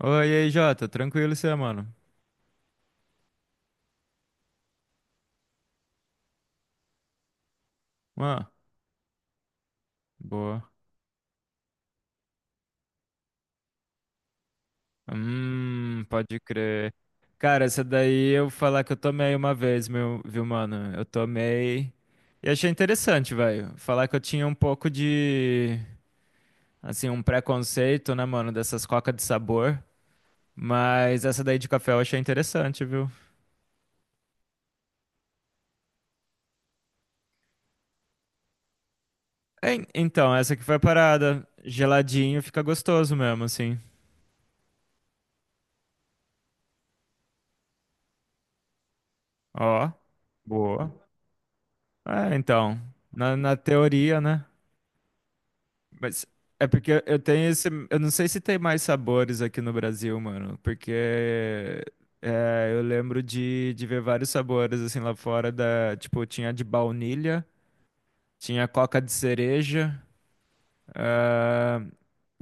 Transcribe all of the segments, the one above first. Oi, e aí, Jota. Tranquilo, você, mano? Ah, boa. Pode crer. Cara, essa daí eu falar que eu tomei uma vez, meu, viu, mano? Eu tomei e achei interessante, velho. Falar que eu tinha um pouco de, assim, um preconceito, né, mano, dessas cocas de sabor. Mas essa daí de café eu achei interessante, viu? Então, essa aqui foi a parada. Geladinho fica gostoso mesmo, assim. Ó, boa. É, então, na teoria, né? Mas é porque eu tenho esse. Eu não sei se tem mais sabores aqui no Brasil, mano. Porque eu lembro de ver vários sabores assim lá fora da. Tipo, tinha de baunilha, tinha coca de cereja. Ah,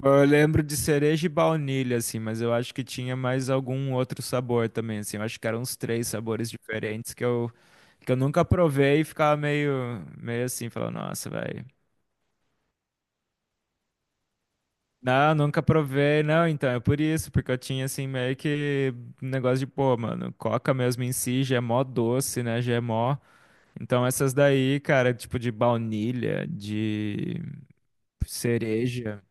eu lembro de cereja e baunilha, assim, mas eu acho que tinha mais algum outro sabor também, assim. Eu acho que eram uns três sabores diferentes que eu nunca provei e ficava meio assim, falando, nossa, velho. Não, nunca provei, não, então é por isso, porque eu tinha assim meio que um negócio de, pô, mano, coca mesmo em si já é mó doce, né, já é mó. Então essas daí, cara, tipo de baunilha, de cereja,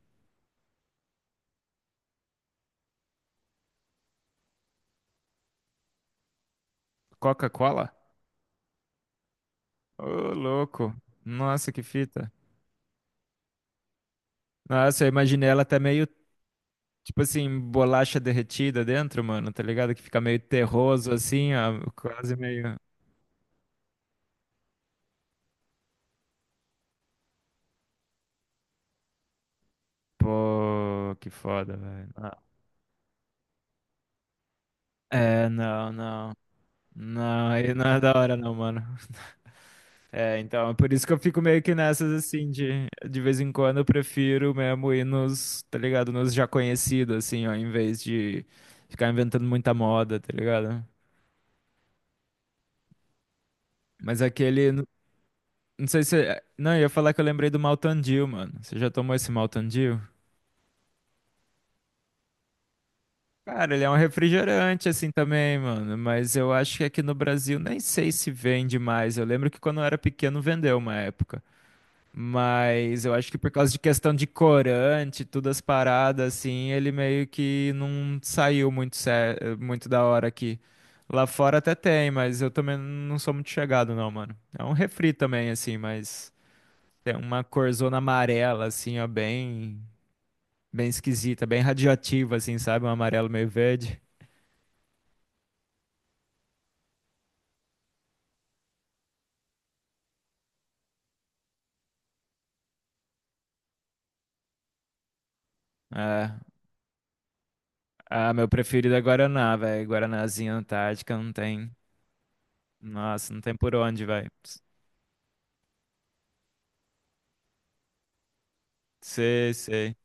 Coca-Cola? Ô, louco. Nossa, que fita. Nossa, eu imaginei ela até meio, tipo assim, bolacha derretida dentro, mano, tá ligado? Que fica meio terroso assim, ó, quase meio. Pô, que foda, velho. Ah, é, não, não. Não, aí não é da hora não, mano. É, então, é por isso que eu fico meio que nessas assim, de vez em quando eu prefiro mesmo ir nos, tá ligado? Nos já conhecidos, assim, ó, em vez de ficar inventando muita moda, tá ligado? Mas aquele, não sei se, não, eu ia falar que eu lembrei do Mountain Dew, mano. Você já tomou esse Mountain Dew? Cara, ele é um refrigerante assim também, mano, mas eu acho que aqui no Brasil nem sei se vende mais. Eu lembro que quando eu era pequeno vendeu uma época. Mas eu acho que por causa de questão de corante, todas as paradas, assim, ele meio que não saiu muito, muito da hora aqui. Lá fora até tem, mas eu também não sou muito chegado, não, mano. É um refri também, assim, mas tem uma corzona amarela, assim, ó, bem, bem esquisita, bem radioativa, assim, sabe? Um amarelo meio verde. É. Ah, meu preferido é Guaraná, velho. Guaranazinha Antártica não tem. Nossa, não tem por onde, velho. Sei, sei.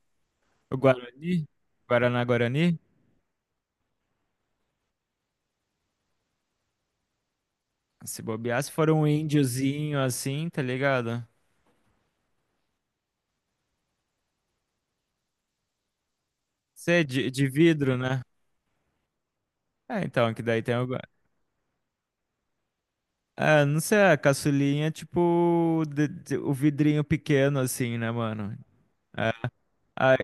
O Guarani? Guaraná Guarani? Se bobear, se for um índiozinho assim, tá ligado? Você é de vidro, né? É, então, que daí tem o. gua- Ah, não sei, a caçulinha é tipo o vidrinho pequeno, assim, né, mano? É. Ai,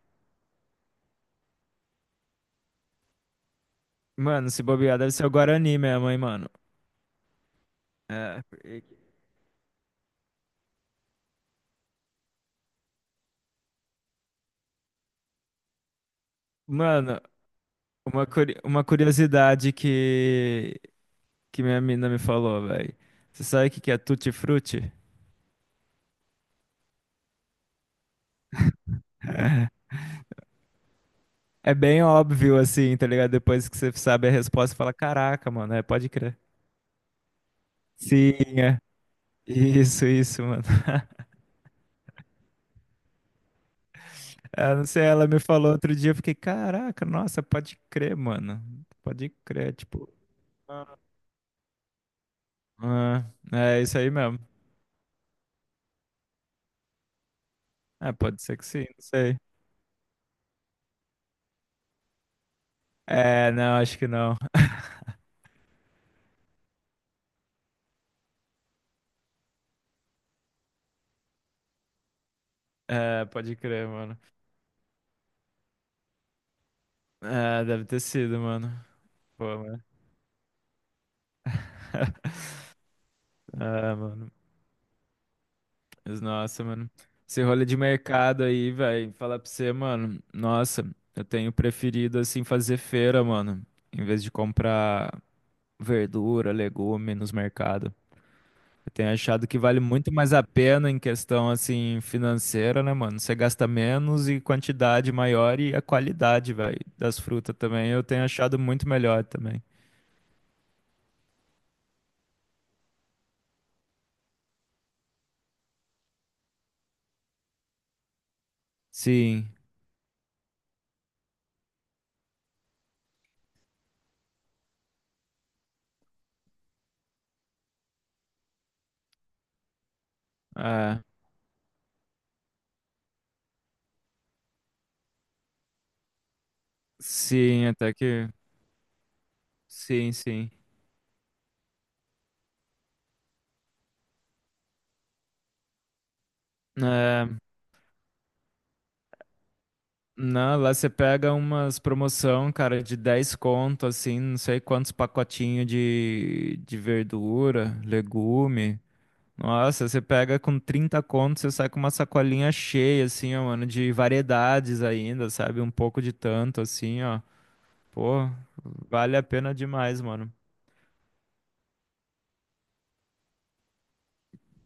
mano, se bobear, deve ser o Guarani mesmo, hein, mano? É. Mano, uma curiosidade que minha mina me falou, velho. Você sabe o que que é tutti-frutti? É bem óbvio, assim, tá ligado? Depois que você sabe a resposta, você fala, caraca, mano, é, pode crer. Sim, é. Isso, mano. Eu não sei, ela me falou outro dia, eu fiquei, caraca, nossa, pode crer, mano. Pode crer, tipo. Ah, é isso aí mesmo. É, pode ser que sim, não sei. É, não, acho que não. É, pode crer, mano. É, deve ter sido, mano. Pô, mano. É, mano. Mas, nossa, mano. Esse rolê de mercado aí, velho. Falar pra você, mano. Nossa, eu tenho preferido, assim, fazer feira, mano. Em vez de comprar verdura, legume nos mercados. Eu tenho achado que vale muito mais a pena em questão, assim, financeira, né, mano? Você gasta menos e quantidade maior e a qualidade, velho, das frutas também. Eu tenho achado muito melhor também. Sim, é. Sim, até que. Sim, sim. É, não, lá você pega umas promoção, cara, de 10 conto, assim, não sei quantos pacotinhos de verdura, legume. Nossa, você pega com 30 conto, você sai com uma sacolinha cheia, assim, ó, mano, de variedades ainda, sabe? Um pouco de tanto, assim, ó. Pô, vale a pena demais, mano.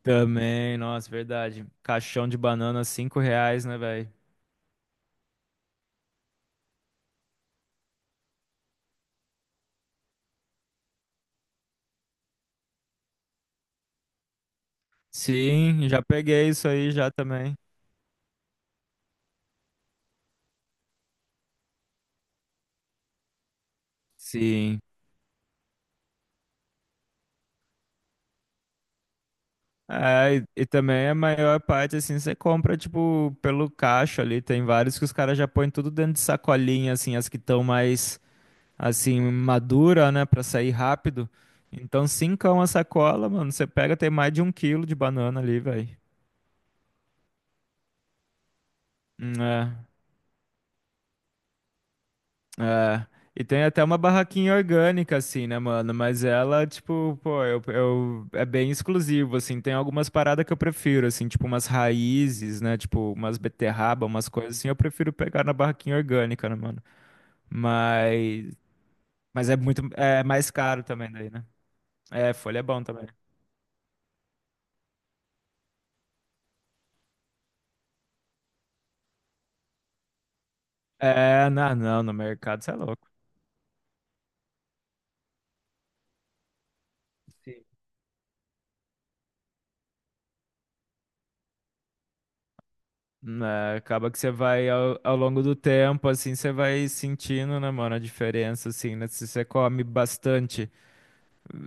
Também, nossa, verdade. Caixão de banana, 5 reais, né, velho? Sim, já peguei isso aí já também. Sim, é, e também a maior parte, assim, você compra, tipo, pelo caixa ali. Tem vários que os caras já põem tudo dentro de sacolinha, assim, as que estão mais, assim, madura, né, pra sair rápido. Então, cincão a sacola, mano, você pega, tem mais de 1 quilo de banana ali, velho. É, e tem até uma barraquinha orgânica, assim, né, mano? Mas ela, tipo, pô, é bem exclusivo, assim. Tem algumas paradas que eu prefiro, assim, tipo umas raízes, né? Tipo, umas beterraba, umas coisas assim. Eu prefiro pegar na barraquinha orgânica, né, mano? Mas, mas é muito, é mais caro também daí, né? É, folha é bom também. É, não, não, no mercado você é louco. Sim. Né, acaba que você vai ao longo do tempo, assim, você vai sentindo, né, mano, a diferença, assim, né? Se você come bastante.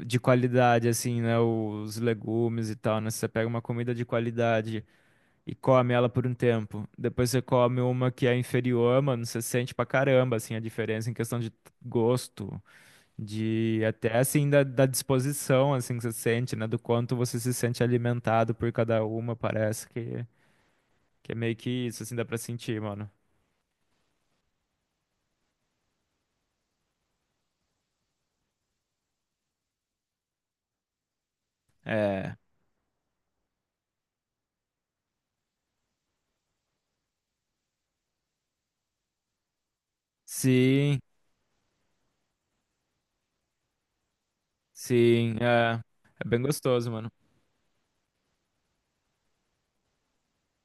De qualidade, assim, né? Os legumes e tal, né? Se você pega uma comida de qualidade e come ela por um tempo. Depois você come uma que é inferior, mano, você sente pra caramba, assim, a diferença em questão de gosto, de até, assim, da disposição, assim, que você sente, né? Do quanto você se sente alimentado por cada uma, parece que, é meio que isso, assim, dá pra sentir, mano. É. Sim, sim, é. É bem gostoso, mano.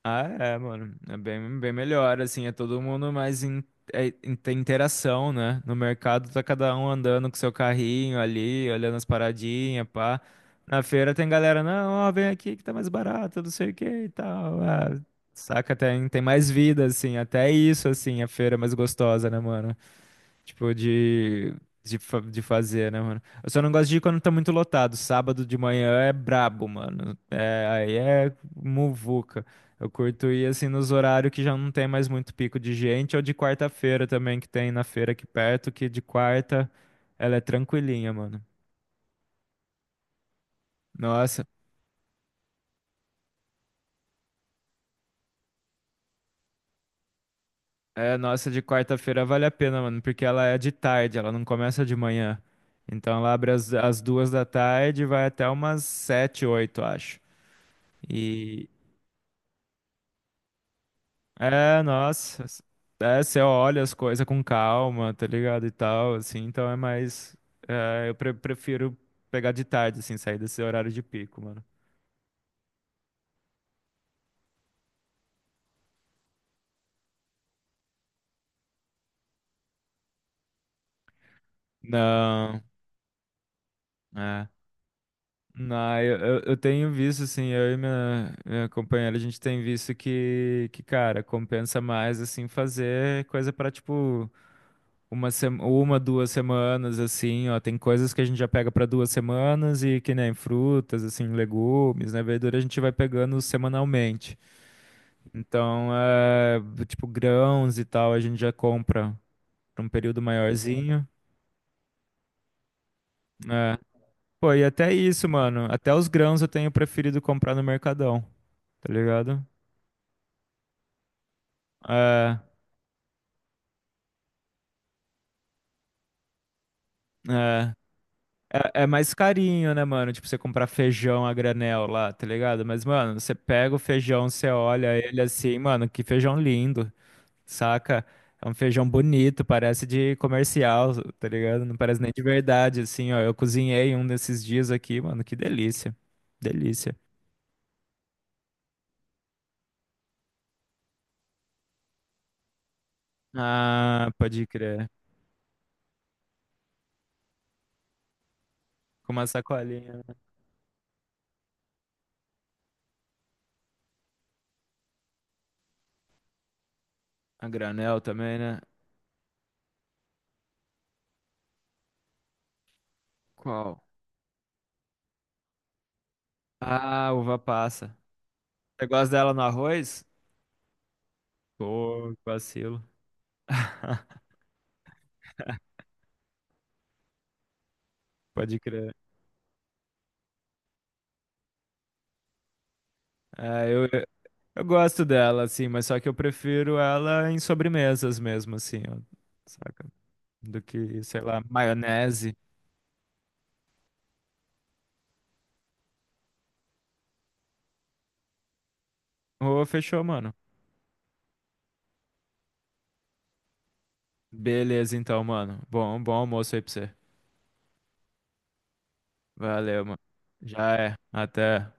Ah, é, mano. É bem, bem melhor, assim. É todo mundo mais tem interação, né? No mercado tá cada um andando com seu carrinho ali, olhando as paradinhas, pá. Na feira tem galera, não, ó, vem aqui que tá mais barato, não sei o que e tal. Ah, saca, tem mais vida, assim. Até isso, assim, a feira é mais gostosa, né, mano? Tipo, de fazer, né, mano? Eu só não gosto de ir quando tá muito lotado. Sábado de manhã é brabo, mano. É, aí é muvuca. Eu curto ir assim nos horários que já não tem mais muito pico de gente, ou de quarta-feira também, que tem na feira aqui perto, que de quarta ela é tranquilinha, mano. Nossa, nossa, de quarta-feira vale a pena, mano, porque ela é de tarde, ela não começa de manhã. Então ela abre às 2 da tarde e vai até umas 7, 8, acho. E, É, nossa. É, você olha as coisas com calma, tá ligado? E tal, assim, então é mais. Eu prefiro pegar de tarde, assim, sair desse horário de pico, mano. Não, é. Não, eu tenho visto, assim, eu e minha companheira, a gente tem visto cara, compensa mais, assim, fazer coisa pra, tipo. Uma, duas semanas, assim, ó. Tem coisas que a gente já pega para 2 semanas e que nem frutas, assim, legumes, né? Verdura a gente vai pegando semanalmente. Então, tipo, grãos e tal, a gente já compra pra um período maiorzinho. É. Pô, e até isso, mano. Até os grãos eu tenho preferido comprar no Mercadão, tá ligado? É, é. É, é mais carinho, né, mano? Tipo, você comprar feijão a granel lá, tá ligado? Mas, mano, você pega o feijão, você olha ele assim, mano, que feijão lindo, saca? É um feijão bonito, parece de comercial, tá ligado? Não parece nem de verdade, assim, ó. Eu cozinhei um desses dias aqui, mano, que delícia. Delícia. Ah, pode crer. Com uma sacolinha. A granel também, né? Qual? Ah, uva passa. Você gosta dela no arroz? Pô, que vacilo. Pode crer. É, eu gosto dela, assim, mas só que eu prefiro ela em sobremesas mesmo, assim, ó, saca? Do que, sei lá, maionese. Ô, fechou, mano. Beleza, então, mano. Bom almoço aí pra você. Valeu, mano. Já é. Até.